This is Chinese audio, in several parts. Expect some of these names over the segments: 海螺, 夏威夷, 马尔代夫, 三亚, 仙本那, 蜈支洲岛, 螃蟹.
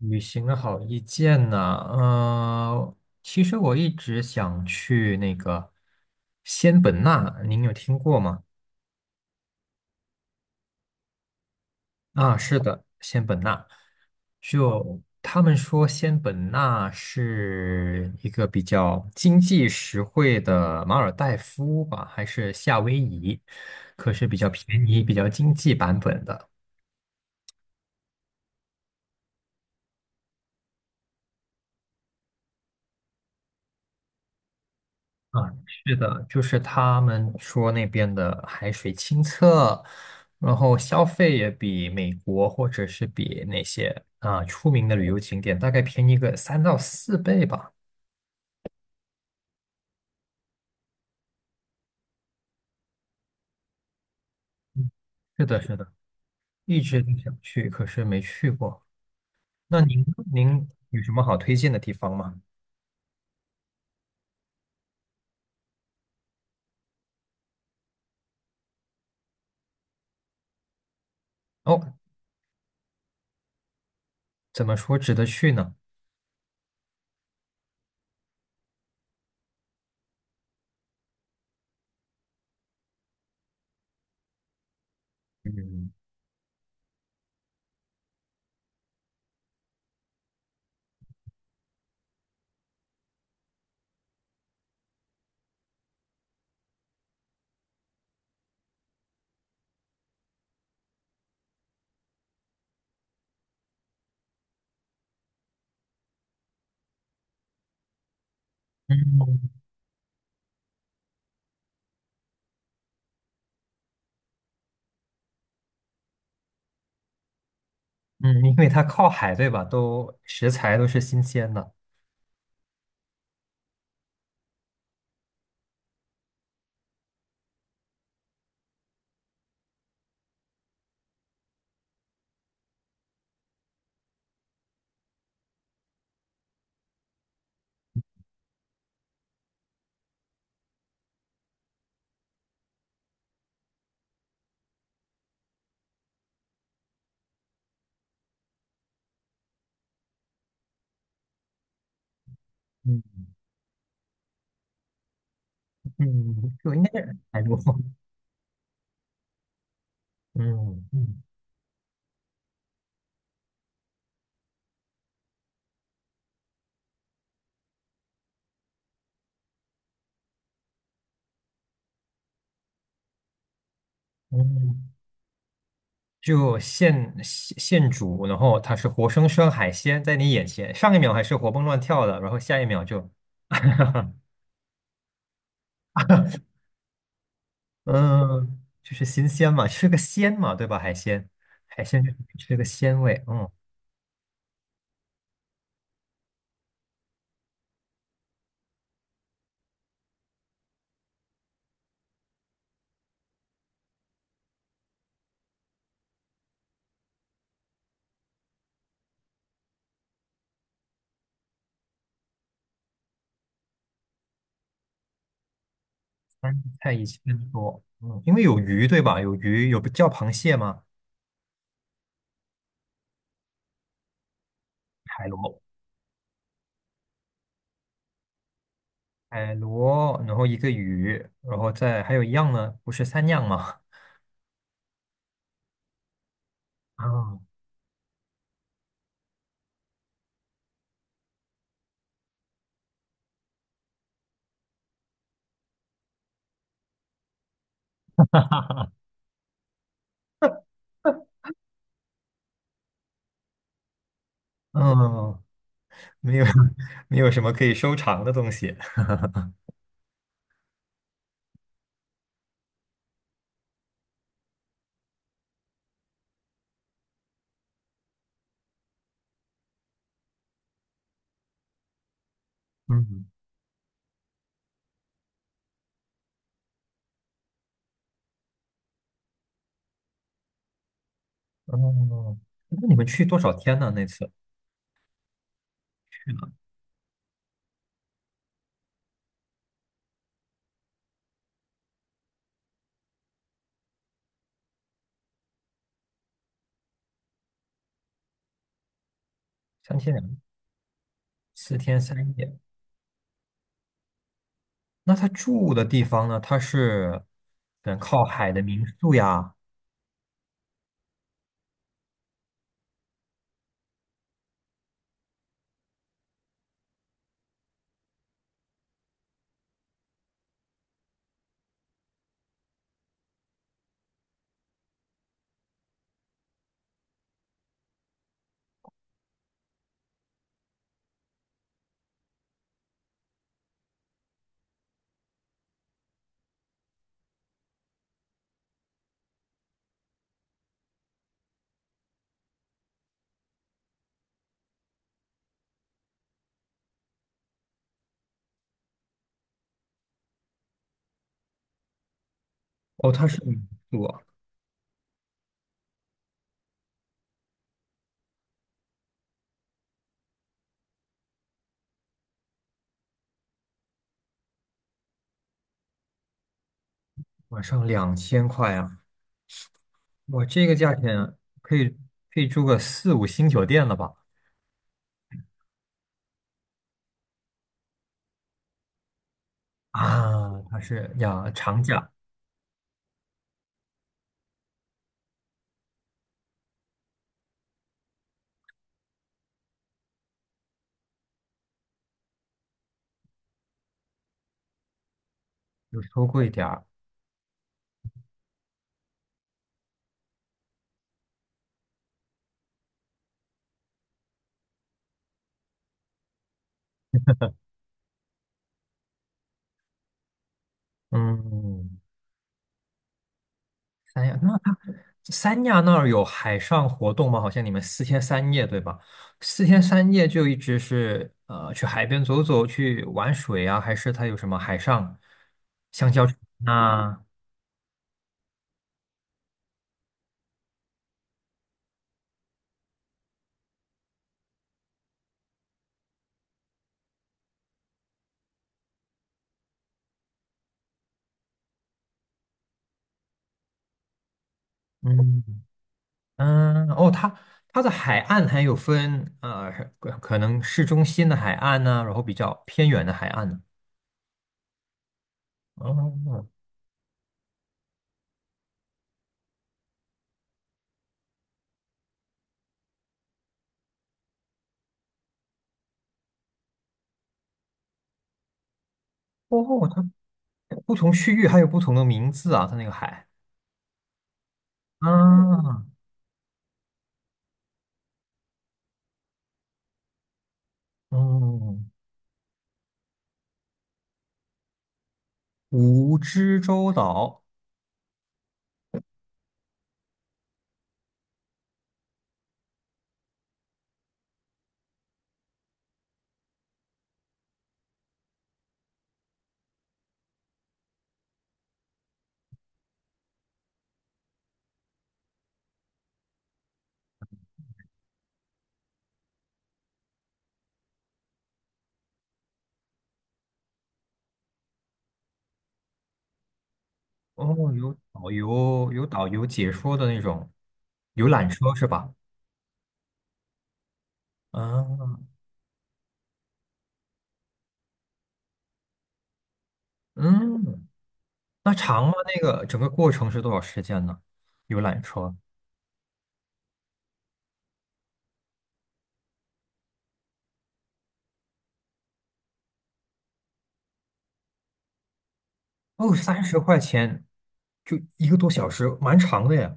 旅行的好意见呢？其实我一直想去那个仙本那，您有听过吗？啊，是的，仙本那，就他们说仙本那是一个比较经济实惠的马尔代夫吧，还是夏威夷？可是比较便宜、比较经济版本的。啊，是的，就是他们说那边的海水清澈，然后消费也比美国或者是比那些出名的旅游景点大概便宜个3到4倍吧。嗯，是的，是的，一直都想去，可是没去过。那您有什么好推荐的地方吗？哦，怎么说值得去呢？嗯嗯嗯，因为它靠海，对吧？都食材都是新鲜的。嗯，嗯，就应该是海螺。嗯嗯嗯，就现煮，然后它是活生生海鲜在你眼前，上一秒还是活蹦乱跳的，然后下一秒就，嗯，就是新鲜嘛，吃个鲜嘛，对吧？海鲜，海鲜就是吃个鲜味，嗯，三菜一鲜多，嗯，因为有鱼，对吧？有鱼，有叫螃蟹吗？海螺，海螺，然后一个鱼，然后再还有一样呢，不是三样吗？啊，嗯，没有 没有什么可以收藏的东西。嗯，哦，那你们去多少天呢？那次三天两四天三夜。那他住的地方呢？他是靠海的民宿呀？哦，他是民宿啊晚上2000块啊！哇，这个价钱可以住个四五星酒店了吧？啊，他是呀，长假就收贵点儿。嗯，三亚，那它三亚那儿有海上活动吗？好像你们四天三夜，对吧？四天三夜就一直是去海边走走，去玩水啊，还是它有什么海上香蕉船啊？嗯嗯，哦，它的海岸还有分可能市中心的海岸呢、然后比较偏远的海岸呢、哦哦，它不同区域还有不同的名字啊，它那个海啊，嗯。蜈支洲岛，哦，有导游解说的那种游览车是吧？啊，嗯，那长吗？那个整个过程是多少时间呢？游览车，哦，30块钱，就一个多小时，蛮长的呀。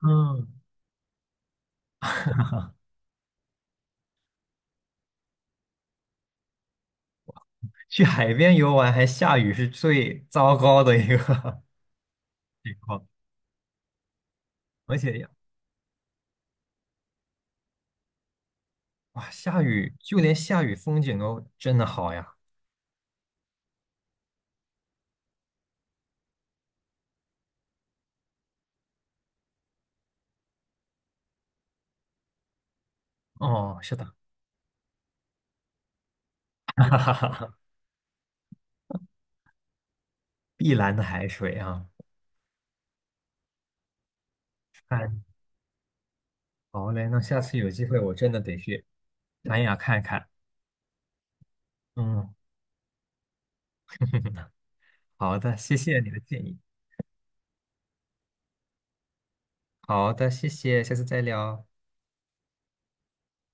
嗯，去海边游玩还下雨是最糟糕的一个 情况，而且呀哇，下雨就连下雨风景都真的好呀。哦，是的，哈哈哈碧蓝的海水啊。看。好嘞，那下次有机会我真的得去三亚看看。嗯，好的，谢谢你的建议。好的，谢谢，下次再聊。